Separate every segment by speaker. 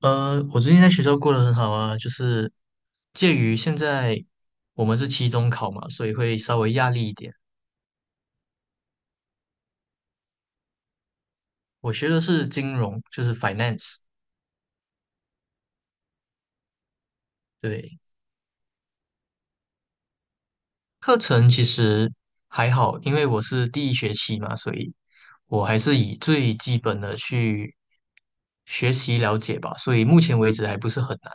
Speaker 1: 我最近在学校过得很好啊，就是介于现在我们是期中考嘛，所以会稍微压力一点。我学的是金融，就是 finance，对，课程其实还好，因为我是第一学期嘛，所以我还是以最基本的去学习了解吧，所以目前为止还不是很难。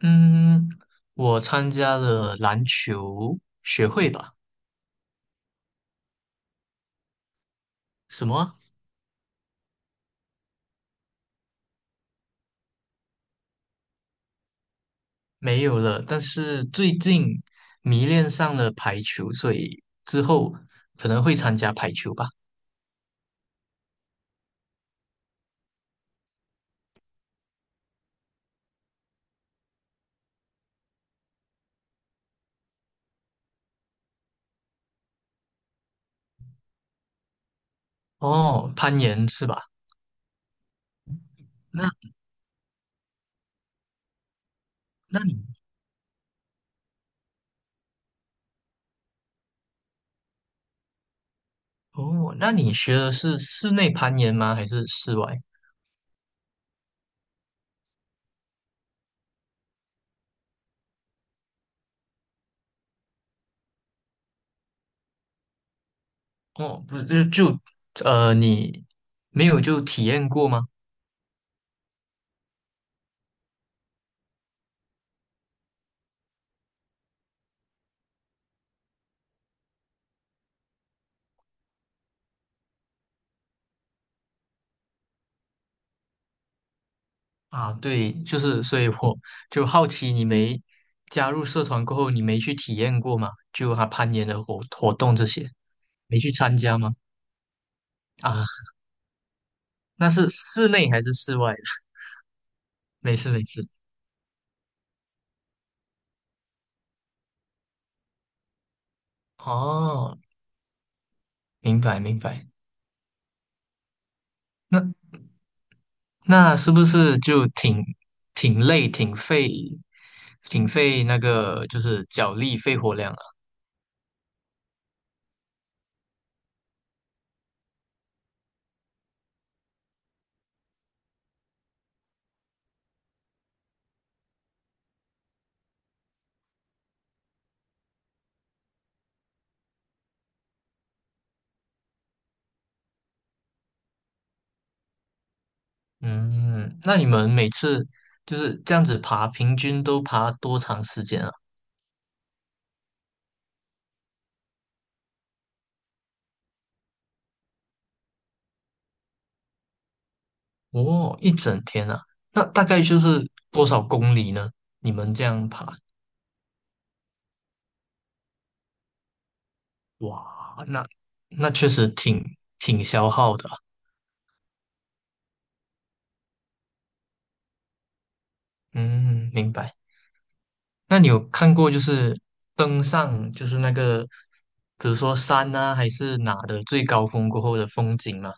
Speaker 1: 嗯，我参加了篮球学会吧，什么啊没有了，但是最近迷恋上了排球，所以之后可能会参加排球吧。哦，攀岩是吧？那那你哦，那你学的是室内攀岩吗？还是室外？哦，不是，就你没有就体验过吗？啊，对，就是所以我就好奇，你没加入社团过后，你没去体验过吗？就他攀岩的活动这些，没去参加吗？啊，那是室内还是室外？没事没事。哦，明白明白。那那是不是就挺累、挺费那个就是脚力、肺活量啊？嗯，那你们每次就是这样子爬，平均都爬多长时间啊？哦，一整天啊。那大概就是多少公里呢？你们这样爬，哇，那确实挺消耗的啊。嗯，明白。那你有看过就是登上就是那个，比如说山啊，还是哪的最高峰过后的风景吗？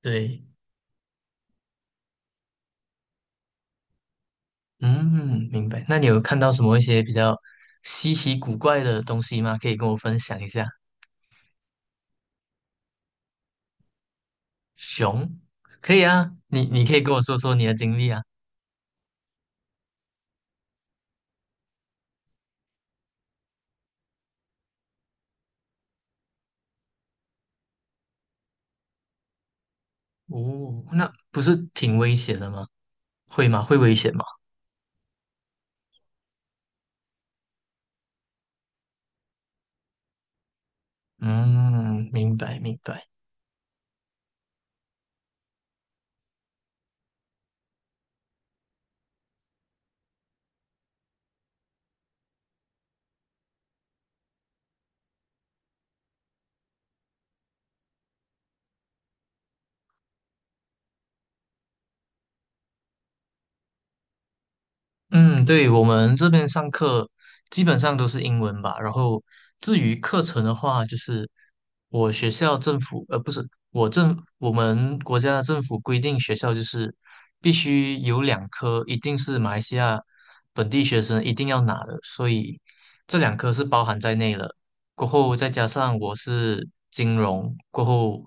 Speaker 1: 对，嗯，明白。那你有看到什么一些比较稀奇古怪的东西吗？可以跟我分享一下。熊，可以啊，你可以跟我说说你的经历啊。哦，那不是挺危险的吗？会吗？会危险吗？嗯，明白明白。嗯，对，我们这边上课基本上都是英文吧。然后至于课程的话，就是我学校政府，不是我们国家的政府规定学校就是必须有两科，一定是马来西亚本地学生一定要拿的，所以这两科是包含在内了。过后再加上我是金融，过后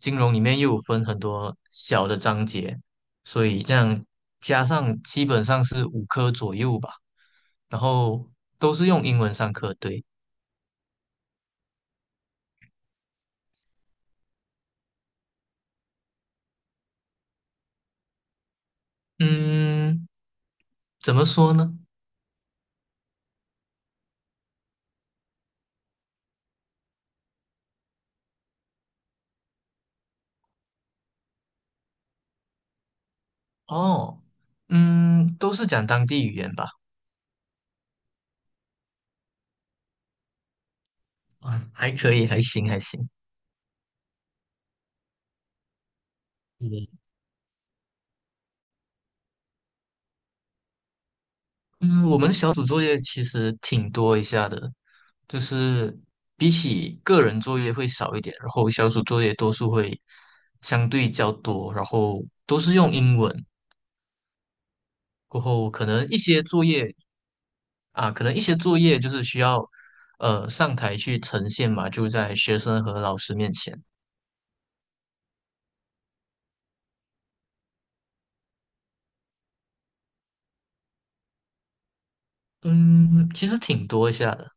Speaker 1: 金融里面又有分很多小的章节，所以这样加上基本上是五科左右吧，然后都是用英文上课，对，嗯，怎么说呢？哦，嗯，都是讲当地语言吧，啊，还可以，还行，还行。嗯嗯，我们小组作业其实挺多一下的，就是比起个人作业会少一点，然后小组作业多数会相对较多，然后都是用英文。过后可能一些作业就是需要上台去呈现嘛，就在学生和老师面前。嗯，其实挺多一下的，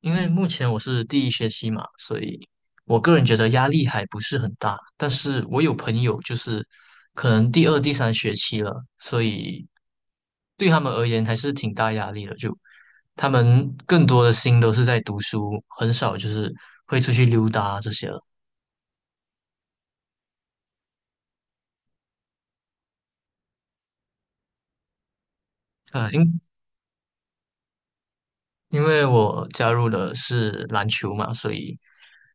Speaker 1: 因为目前我是第一学期嘛，所以我个人觉得压力还不是很大。但是我有朋友就是可能第二、第三学期了，所以对他们而言还是挺大压力的。就他们更多的心都是在读书，很少就是会出去溜达这些了。啊，因为我加入的是篮球嘛，所以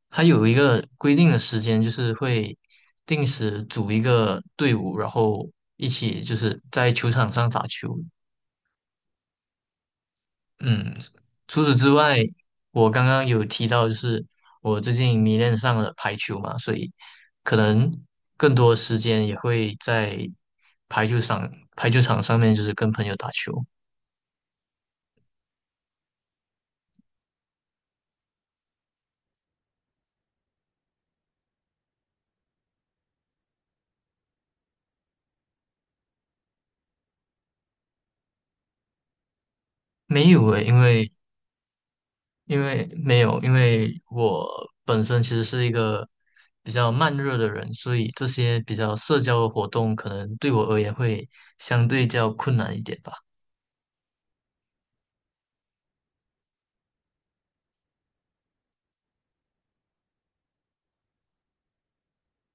Speaker 1: 它有一个规定的时间，就是会定时组一个队伍，然后一起就是在球场上打球。嗯，除此之外，我刚刚有提到，就是我最近迷恋上了排球嘛，所以可能更多时间也会在排球场排球场上面，就是跟朋友打球。没有诶，因为没有，因为我本身其实是一个比较慢热的人，所以这些比较社交的活动可能对我而言会相对较困难一点吧。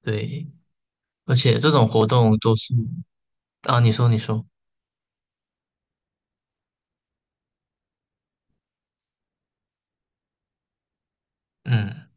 Speaker 1: 对，而且这种活动都是啊，你说你说，嗯，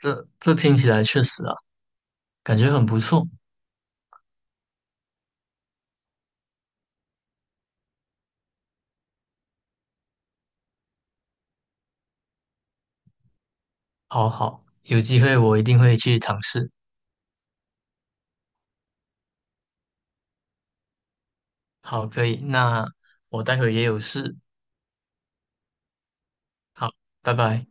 Speaker 1: 这听起来确实啊，感觉很不错。好好，有机会我一定会去尝试。好，可以，那我待会也有事。好，拜拜。